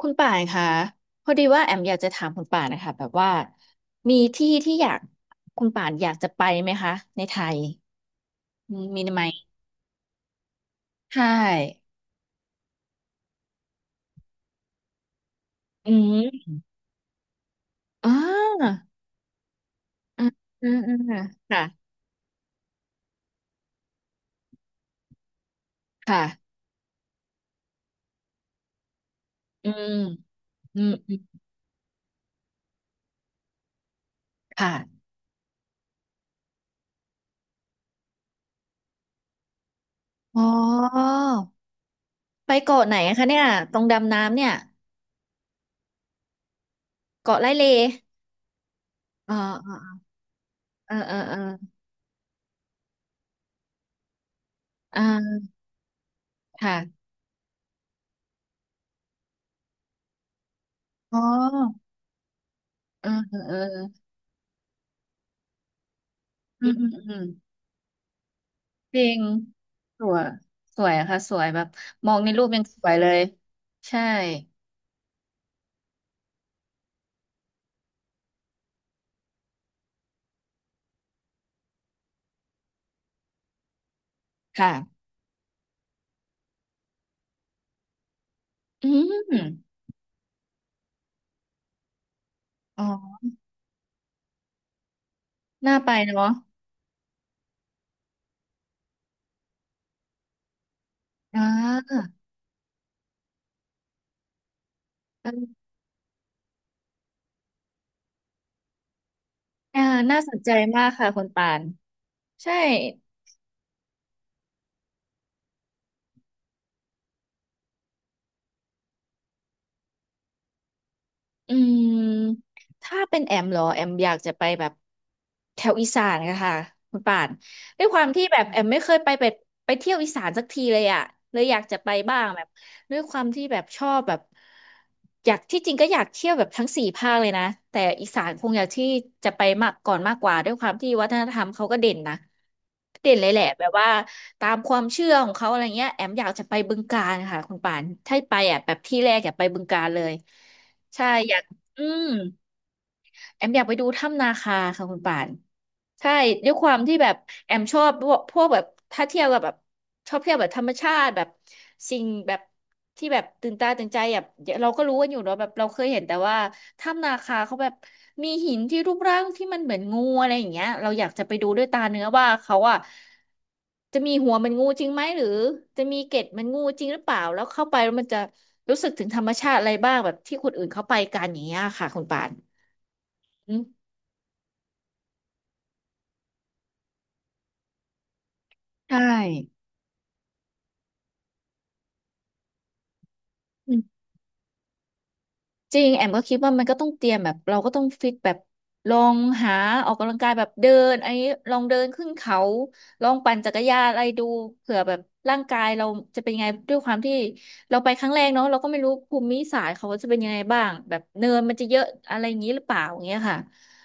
คุณป่านคะพอดีว่าแอมอยากจะถามคุณป่านนะคะแบบว่ามีที่ที่อยากคุณป่านอยากจะไปไหมคะในไทยอืมมีไหมใช่อืมอ่าอืมอืมอืมค่ะค่ะอืมอืมอืมค่ะอ๋อไปเกาะไหนอะคะเนี่ยตรงดำน้ำเนี่ยเกาะไร่เลอ่าอ่าอ่าอ่าอ่าอ่าค่ะอ๋อเออเออเอออืมอืมอืม จริงสวยสวยอะค่ะสวยแบบมองในรูปยังสวยเลยใช่ค่ะอืมอ๋อน่าไปเนาะอ่าเอออ่าน่าสนใจมากค่ะคุณปานใช่ อืมถ้าเป็นแอมเหรอแอมอยากจะไปแบบแถวอีสานค่ะค่ะคุณป่านด้วยความที่แบบแอมไม่เคยไปแบบไปเที่ยวอีสานสักทีเลยอ่ะเลยอยากจะไปบ้างแบบด้วยความที่แบบชอบแบบอยากที่จริงก็อยากเที่ยวแบบทั้งสี่ภาคเลยนะแต่อีสานคงอยากที่จะไปมากก่อนมากกว่าด้วยความที่วัฒนธรรมเขาก็เด่นนะเด่นเลยแหละแบบว่าตามความเชื่อของเขาอะไรเงี้ยแอมอยากจะไปบึงกาฬค่ะคุณป่านถ้าไปอ่ะแบบที่แรกอยากไปบึงกาฬเลย ใช่อยากอืม แอมอยากไปดูถ้ำนาคาค่ะคุณป่านใช่ด้วยความที่แบบแอมชอบพวกแบบถ้าเที่ยวกับแบบชอบเที่ยวแบบธรรมชาติแบบสิ่งแบบที่แบบตื่นตาตื่นใจแบบเราก็รู้กันอยู่เนาะแบบเราเคยเห็นแต่ว่าถ้ำนาคาเขาแบบมีหินที่รูปร่างที่มันเหมือนงูอะไรอย่างเงี้ยเราอยากจะไปดูด้วยตาเนื้อว่าเขาอะจะมีหัวเหมันงูจริงไหมหรือจะมีเกล็ดเหมันงูจริงหรือเปล่าแล้วเข้าไปแล้วมันจะรู้สึกถึงธรรมชาติอะไรบ้างแบบที่คนอื่นเขาไปกันอย่างเงี้ยค่ะคุณป่าน ใช่อืมจริงแอมก็คิดว่ามันก็ต้องเตรียมแบบเราก็ต้องฟิตแบบลองหาออกกำลังกายแบบเดินไอ้ลองเดินขึ้นเขาลองปั่นจักรยานอะไรดูเผื่อแบบร่างกายเราจะเป็นยังไงด้วยความที่เราไปครั้งแรกเนาะเราก็ไม่รู้ภูมิศาสตร์เขาจะเป็นยังไงบ้างแบบเนินมันจะเยอะอะไรอย่างนี้หรือเปล่าอย่างเงี้ยค่ะ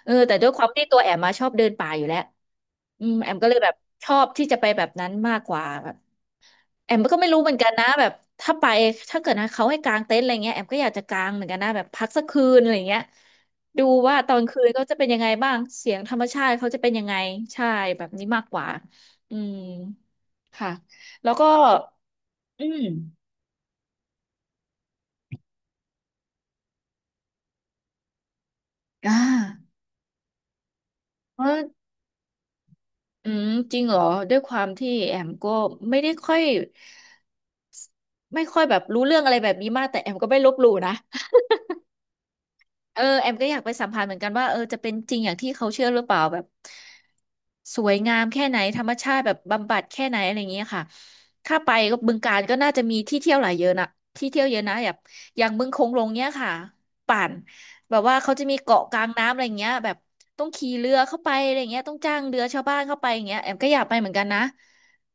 เออแต่ด้วยความที่ตัวแอมมาชอบเดินป่าอยู่แล้วอืมแอมก็เลยแบบชอบที่จะไปแบบนั้นมากกว่า แอมก็ไม่รู้เหมือนกันนะแบบถ้าไปถ้าเกิดนะเขาให้กางเต็นท์อะไรเงี้ยแอมก็อยากจะกางเหมือนกันนะแบบพักสักคืนอะไรเงี้ยดูว่าตอนคืนก็จะเป็นยังไงบ้างเสียงธรรมชาติเขาจะเป็นยังไงใช่แบบนี้มากกว่าอืมค่ะแล้วก็อืมอ่าเพราะอืมจริงเหรอด้วยความที่แอมก็ไม่ได้ค่อยไม่ค่อยแบบรู้เรื่องอะไรแบบนี้มากแต่แอมก็ไม่ลบหลู่นะ เออแอมก็อยากไปสัมผัสเหมือนกันว่าเออจะเป็นจริงอย่างที่เขาเชื่อหรือเปล่าแบบสวยงามแค่ไหนธรรมชาติแบบบำบัดแค่ไหนอะไรอย่างเงี้ยค่ะถ้าไปก็บึงกาฬก็น่าจะมีที่เที่ยวหลายเยอะนะที่เที่ยวเยอะนะแบบอย่างบึงโขงหลงเนี้ยค่ะป่าน แบบว่าเขาจะมีเกาะกลางน้ำอะไรเงี้ยแบบต้องขี่เรือเข้าไปอะไรเงี้ยต้องจ้างเรือชาวบ้านเข้าไปอย่างเงี้ยแอมก็อยากไปเหมือนกันนะ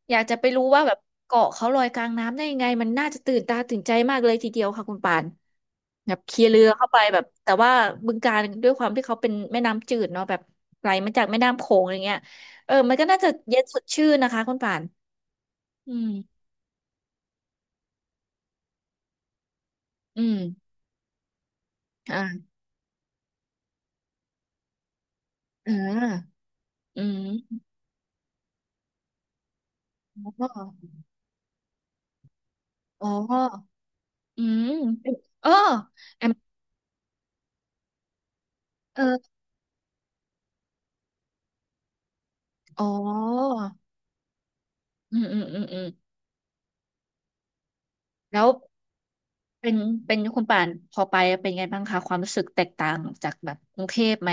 อยากจะไปรู้ว่าแบบเกาะเขาลอยกลางน้ำได้ยังไงมันน่าจะตื่นตาตื่นใจมากเลยทีเดียวค่ะคุณปานแบบขี่เรือเข้าไปแบบแต่ว่าบึงกาฬด้วยความที่เขาเป็นแม่น้ำจืดเนาะแบบไหลมาจากแม่น้ำโขงอะไรเงี้ยเออมันก็น่าจะเย็นสดชื่นนะคะคุณปานอืมอืมอ่าอ่าอืมอ๋ออ๋ออืมเออแอมเออ อ๋ออืม อืม อืมอืมแล้วเป็นเป็นคุณป่านพอไปเป็นไงบ้างคะความรู้สึกแตกต่างจากแบบกรุงเทพไหม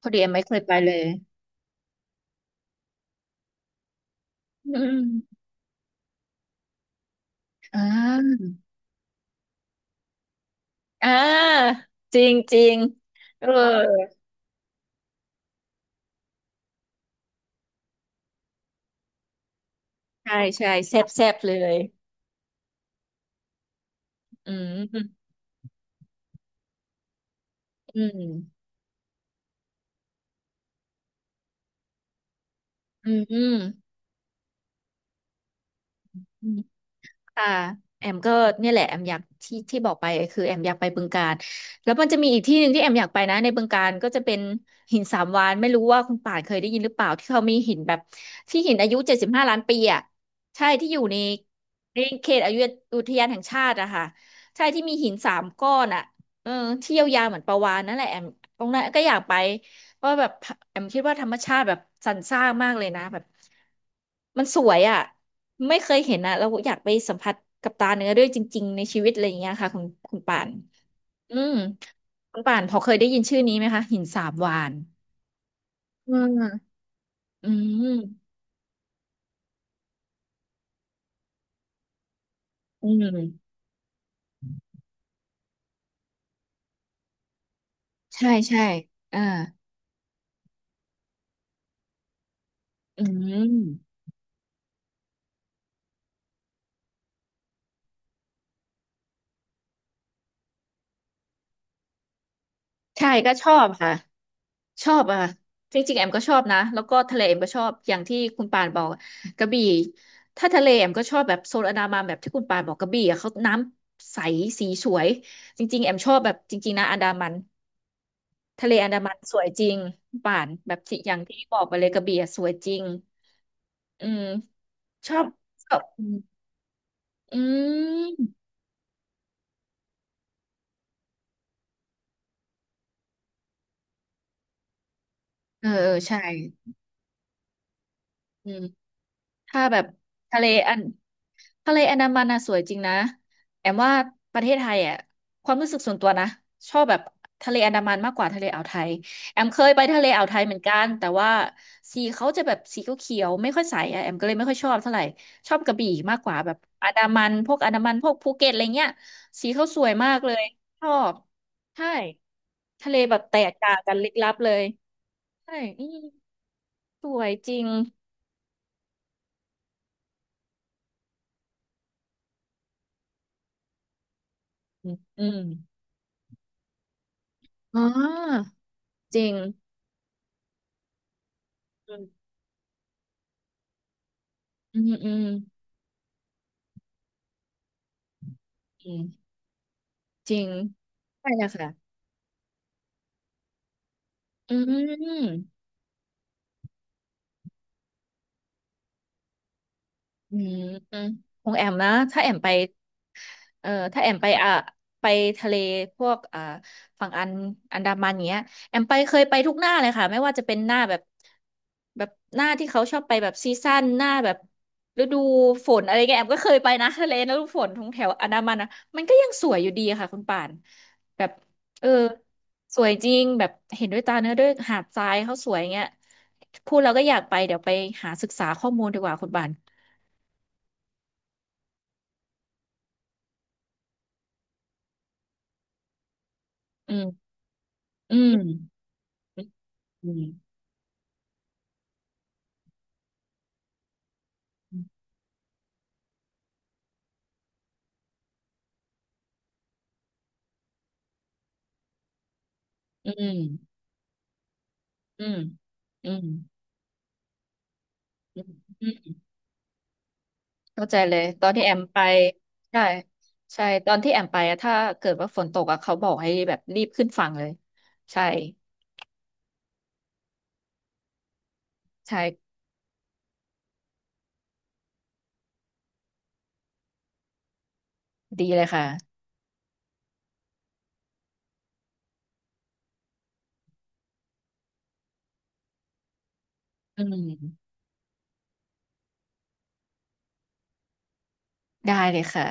พอดีเอ็มไม่เคยไปเลยอืมอ่าอ่าจริงจริงเออใช่ใช่แซ่บแซ่บเลย อืม อืมอืมอืม ค่ะแอมก็เนี่ยแหละแอมอยากที่ที่บอกไปคือแอมอยากไปบึงกาฬแล้วมันจะมีอีกที่หนึ่งที่แอมอยากไปนะในบึงกาฬก็จะเป็นหินสามวาฬไม่รู้ว่าคุณป่านเคยได้ยินหรือเปล่าที่เขามีหินแบบที่หินอายุ75 ล้านปีอ่ะใช่ที่อยู่ในเขตอายุอุทยานแห่งชาติอะค่ะใช่ที่มีหินสามก้อนอะเออที่ยาวๆเหมือนปลาวาฬนั่นแหละแอมตรงนั้นก็อยากไป ว่าะแบบแอมคิดว่าธรรมชาติแบบสรรสร้างมากเลยนะแบบมันสวยอ่ะไม่เคยเห็นอ่ะเราอยากไปสัมผัสกับตาเนื้อด้วยจริงๆในชีวิตอะไรอย่างเงี้ยค่ะคุณป่านอืมคุณป่านพอเคยได้ยินชื่อนี้ไหมคะหินสาบวานอืมอืมอืมใช่ใช่อ่าอืมใช่ก็ชอบค่ะ ชอบอะค่ะจริงๆแอมก็ชอบนะแล้วก็ทะเลแอมก็ชอบอย่างที่คุณปานบอกกระบี่ถ้าทะเลแอมก็ชอบแบบโซนอันดามันแบบที่คุณปานบอกกระบี่อะเขาน้ำใสสีสวยจริงๆแอมชอบแบบจริงๆนะอันดามันทะเลอันดามันสวยจริงคุณป่านแบบที่อย่างที่บอกไปเลยกระบี่อะสวยจริงอืมชอบชอบอืมอืมเออเออใช่อืม ถ้าแบบทะเลอันทะเลอันดามันน่ะสวยจริงนะแอมว่าประเทศไทยอ่ะความรู้สึกส่วนตัวนะชอบแบบทะเลอันดามันมากกว่าทะเลอ่าวไทยแอมเคยไปทะเลอ่าวไทยเหมือนกันแต่ว่าสีเขาจะแบบสีเขียวๆไม่ค่อยใสอ่ะแอมก็เลยไม่ค่อยชอบเท่าไหร่ชอบกระบี่มากกว่าแบบอันดามันพวกอันดามันพวกภูเก็ตอะไรเงี้ยสีเขาสวยมากเลยชอบใช่ทะเลแบบแตกต่างกันลึกลับเลยใช่อืมสวยจริงอืมอืมอ๋อจริง อืมอืมอืม จริงใช่อะค่ะอืมอืมอืมของแอมนะ ถ้าแอมไป เออถ้าแอมไปอ่ะไปทะเลพวกอ่าฝั่งอันดามันเงี้ยแอมไปเคยไปทุกหน้าเลยค่ะไม่ว่าจะเป็นหน้าแบบแบบหน้าที่เขาชอบไปแบบซีซั่นหน้าแบบฤดูฝนอะไรเงี้ยแอมก็เคยไปนะทะเลนะฤดูฝนทงแถวอันดามันนะมันก็ยังสวยอยู่ดีอะค่ะคุณป่านแบบเออสวยจริงแบบเห็นด้วยตาเนื้อด้วยหาดทรายเขาสวยเงี้ยพูดเราก็อยากไปเดี๋ยวไปหาศึกษาข้อมูลดีกว่าคุณป่านอืมอืมอืมอืม อืมอืมอืมอืมเข้าใจเลยตอนที่แอมไปใช่ใช่ตอนที่แอมไปอะถ้าเกิดว่าฝนตกอะเขาบอกให้แบบรีบขึ้นฝั่งเลยใช่ใช่ดีเลยค่ะอืมได้เลยค่ะ